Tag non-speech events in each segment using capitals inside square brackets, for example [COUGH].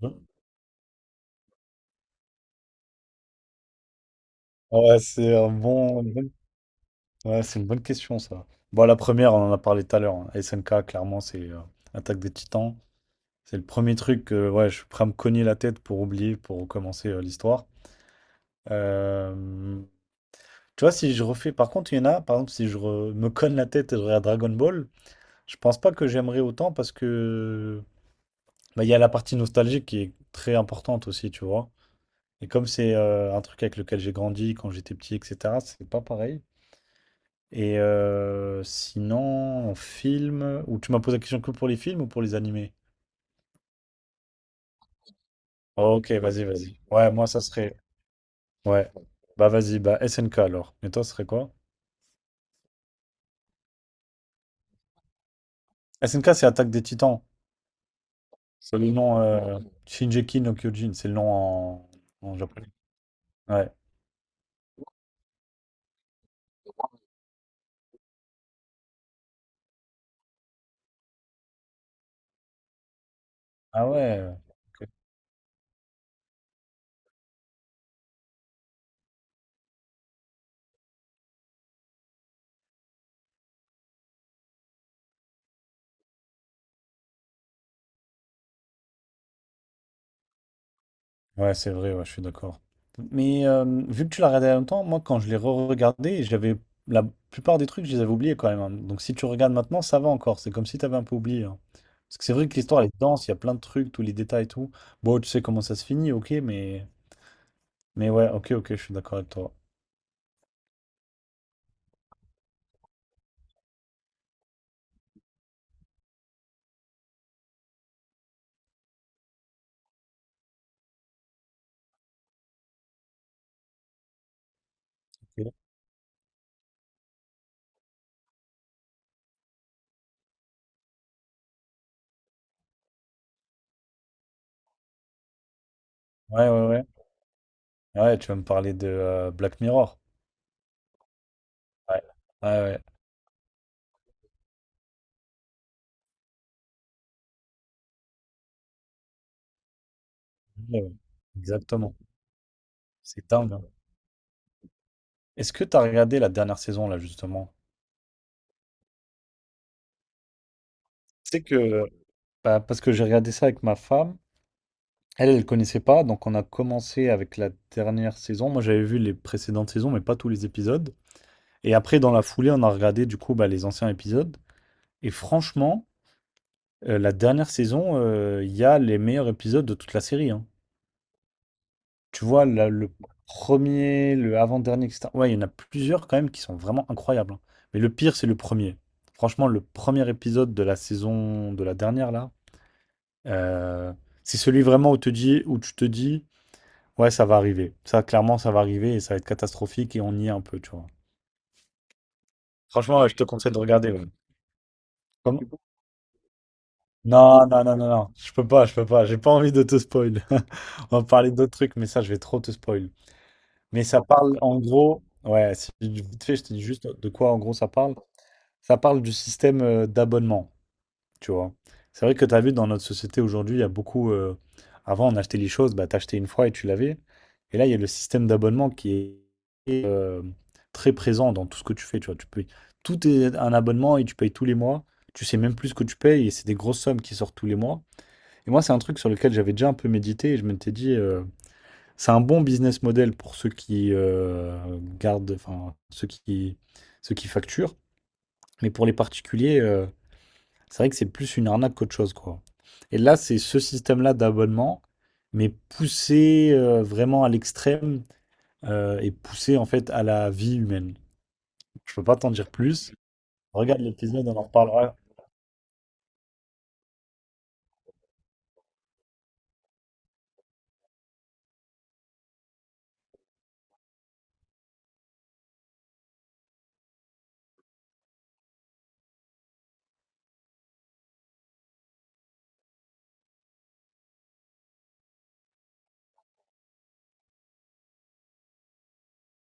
Mmh. Ouais, c'est un bon, une bonne- ouais, c'est une bonne question ça. Bon, la première, on en a parlé tout à l'heure, hein. SNK, clairement, c'est Attaque des Titans. C'est le premier truc que ouais, je suis prêt à me cogner la tête pour oublier, pour recommencer l'histoire. Euh, Tu vois, si je refais, par contre, il y en a, par exemple, si me cogne la tête et je regarde Dragon Ball, je pense pas que j'aimerais autant parce que bah, il y a la partie nostalgique qui est très importante aussi, tu vois. Et comme c'est un truc avec lequel j'ai grandi quand j'étais petit, etc., c'est pas pareil. Et sinon, en film, ou tu m'as posé la question que pour les films ou pour les animés? Ok, vas-y, vas-y. Ouais, moi ça serait. Ouais. Bah vas-y, bah SNK alors. Et toi, ce serait quoi? SNK, c'est Attaque des Titans. C'est le nom Shinjeki no Kyojin, c'est le nom en, en japonais. Ouais. Ah ouais. Ouais, c'est vrai, ouais, je suis d'accord. Mais vu que tu l'as regardé il y a longtemps, moi, quand je l'ai re-regardé, j'avais la plupart des trucs, je les avais oubliés quand même, hein. Donc, si tu regardes maintenant, ça va encore. C'est comme si tu avais un peu oublié, hein. Parce que c'est vrai que l'histoire, elle est dense, il y a plein de trucs, tous les détails et tout. Bon, tu sais comment ça se finit, ok, mais. Mais ouais, ok, ok, je suis d'accord avec toi. Ok. Ouais, ouais, ouais. Ah ouais, tu vas me parler de Black Mirror. Ouais, ouais, ouais. Ouais, ouais. Exactement. C'est dingue, hein. Est-ce que tu as regardé la dernière saison, là, justement? Tu sais que. Bah, parce que j'ai regardé ça avec ma femme. Elle, elle connaissait pas, donc on a commencé avec la dernière saison. Moi, j'avais vu les précédentes saisons, mais pas tous les épisodes. Et après, dans la foulée, on a regardé du coup bah, les anciens épisodes. Et franchement, la dernière saison, il y a les meilleurs épisodes de toute la série, hein. Tu vois, le premier, le avant-dernier, etc. Ouais, il y en a plusieurs quand même qui sont vraiment incroyables, hein. Mais le pire, c'est le premier. Franchement, le premier épisode de la saison de la dernière là, euh, c'est celui vraiment où te dis, où tu te dis. Ouais, ça va arriver. Ça, clairement, ça va arriver et ça va être catastrophique et on y est un peu, tu vois. Franchement, ouais, je te conseille de regarder, ouais. Comment- non, non, non, non, non. Je peux pas, je peux pas. J'ai pas envie de te spoil. [LAUGHS] On va parler d'autres trucs, mais ça, je vais trop te spoil. Mais ça parle, en gros, ouais, si, vite fait, je te dis juste de quoi, en gros, ça parle. Ça parle du système d'abonnement. Tu vois. C'est vrai que tu as vu dans notre société aujourd'hui, il y a beaucoup. Avant, on achetait les choses, bah, t'achetais une fois et tu l'avais. Et là, il y a le système d'abonnement qui est très présent dans tout ce que tu fais, tu vois. Tu payes, tout est un abonnement et tu payes tous les mois. Tu sais même plus ce que tu payes et c'est des grosses sommes qui sortent tous les mois. Et moi, c'est un truc sur lequel j'avais déjà un peu médité et je m'étais dit, c'est un bon business model pour ceux qui gardent, enfin, ceux qui facturent. Mais pour les particuliers, c'est vrai que c'est plus une arnaque qu'autre chose, quoi. Et là, c'est ce système-là d'abonnement, mais poussé vraiment à l'extrême et poussé en fait à la vie humaine. Je peux pas t'en dire plus. Regarde l'épisode, on en reparlera.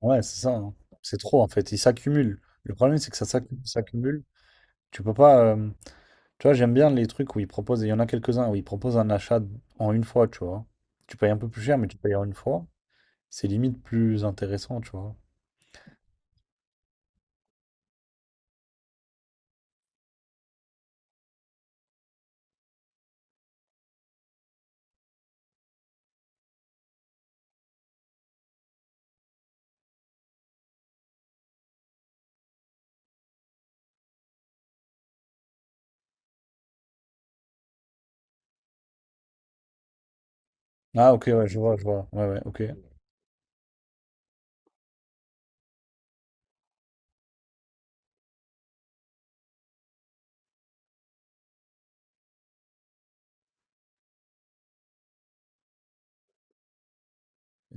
Ouais, c'est ça, hein. C'est trop en fait. Il s'accumule. Le problème, c'est que ça s'accumule, s'accumule. Tu peux pas. Tu vois, j'aime bien les trucs où ils proposent, il y en a quelques-uns où ils proposent un achat en une fois, tu vois. Tu payes un peu plus cher, mais tu payes en une fois. C'est limite plus intéressant, tu vois. Ah, ok, ouais, je vois, je vois. Ouais, ouais, ok. Et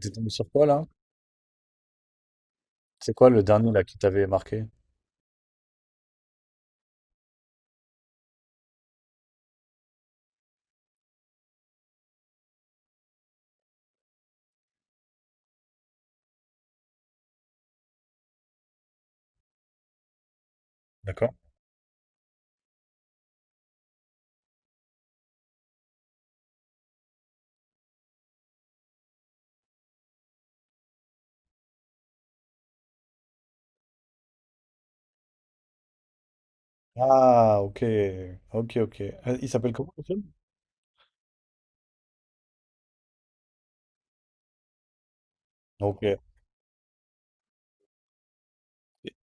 t'es tombé sur quoi, là? C'est quoi le dernier, là, qui t'avait marqué? D'accord. Ah, ok. Ok, ok. Il s'appelle comment, le film? Ok.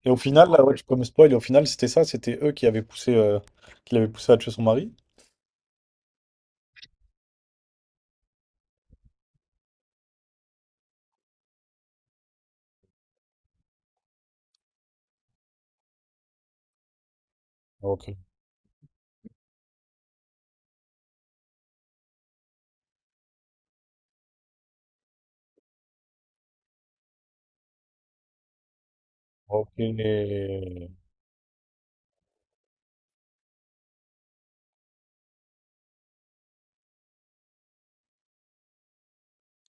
Et au final, là, ouais, tu peux me spoil, et au final, c'était ça, c'était eux qui avaient poussé, qui l'avaient poussé à tuer son mari? Ok. Ok.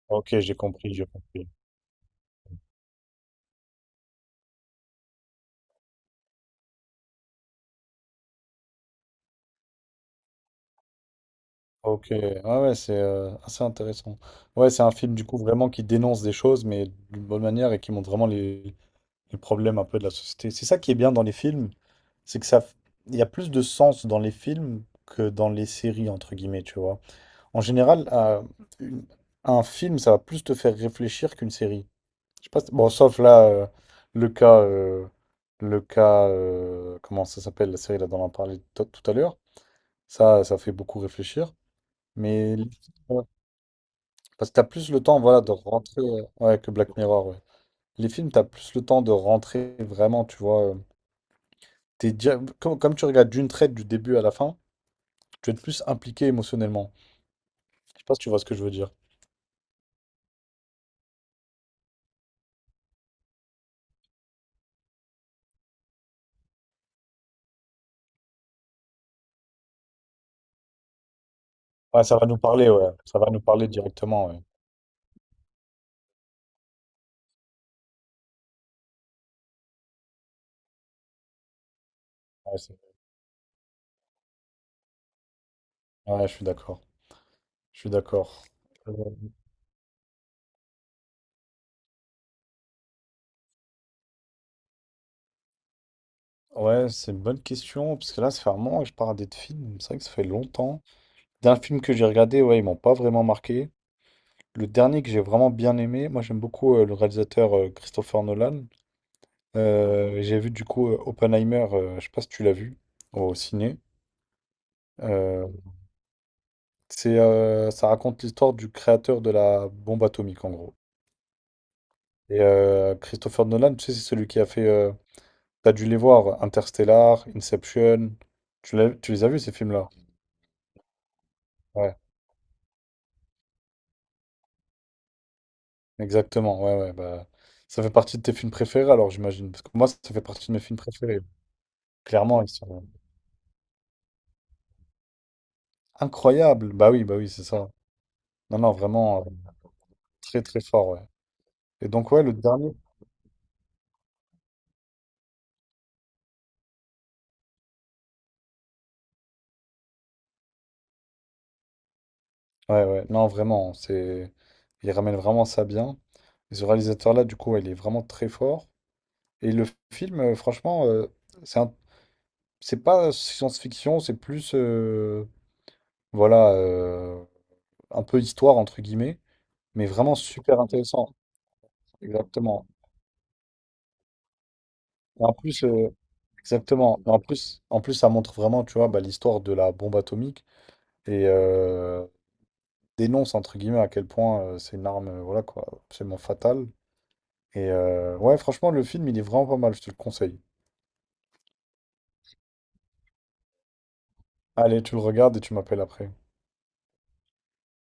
Ok, j'ai compris, j'ai compris. Ok. Ah ouais, c'est assez intéressant. Ouais, c'est un film du coup vraiment qui dénonce des choses, mais d'une bonne manière et qui montre vraiment les problèmes un peu de la société. C'est ça qui est bien dans les films, c'est que ça, il y a plus de sens dans les films que dans les séries, entre guillemets, tu vois. En général, une- un film, ça va plus te faire réfléchir qu'une série. Je sais pas, si- bon, sauf là, le cas, euh, le cas, comment ça s'appelle, la série là dont on a parlé tout à l'heure, ça fait beaucoup réfléchir. Mais les- ouais. Parce que t'as plus le temps, voilà, de rentrer, ouais, que Black Mirror, ouais. Les films, t'as plus le temps de rentrer vraiment, tu vois. Comme, comme tu regardes d'une traite du début à la fin, tu vas être plus impliqué émotionnellement. Je sais pas si tu vois ce que je veux dire. Ouais, ça va nous parler, ouais. Ça va nous parler directement, ouais. Ouais, c'est- ouais, je suis d'accord. Je suis d'accord. Euh, Ouais, c'est une bonne question, parce que là, ça fait un moment que je parle des films. C'est vrai que ça fait longtemps. D'un film que j'ai regardé, ouais, ils m'ont pas vraiment marqué. Le dernier que j'ai vraiment bien aimé, moi j'aime beaucoup le réalisateur Christopher Nolan. J'ai vu du coup Oppenheimer, je sais pas si tu l'as vu, au ciné. Euh. C'est, ça raconte l'histoire du créateur de la bombe atomique, en gros. Et Christopher Nolan, tu sais, c'est celui qui a fait. T'as dû les voir, Interstellar, Inception. Tu les as vus, ces films-là? Ouais, exactement. Ouais, ouais. Bah, ça fait partie de tes films préférés, alors, j'imagine. Parce que moi, ça fait partie de mes films préférés. Clairement, ils sont incroyables. Bah oui, c'est ça. Non, non, vraiment, très, très fort, ouais. Et donc, ouais, le dernier. Ouais, ouais, non, vraiment, c'est… Il ramène vraiment ça bien. Et ce réalisateur-là, du coup, ouais, il est vraiment très fort. Et le film, franchement, c'est un- c'est pas science-fiction, c'est plus, voilà, un peu histoire, entre guillemets, mais vraiment super intéressant. Exactement. Et en plus, exactement. Et en plus, en plus, ça montre vraiment, tu vois, bah, l'histoire de la bombe atomique et dénonce, entre guillemets, à quel point c'est une arme, voilà, quoi, absolument fatale. Et ouais, franchement, le film, il est vraiment pas mal, je te le conseille. Allez, tu le regardes et tu m'appelles après.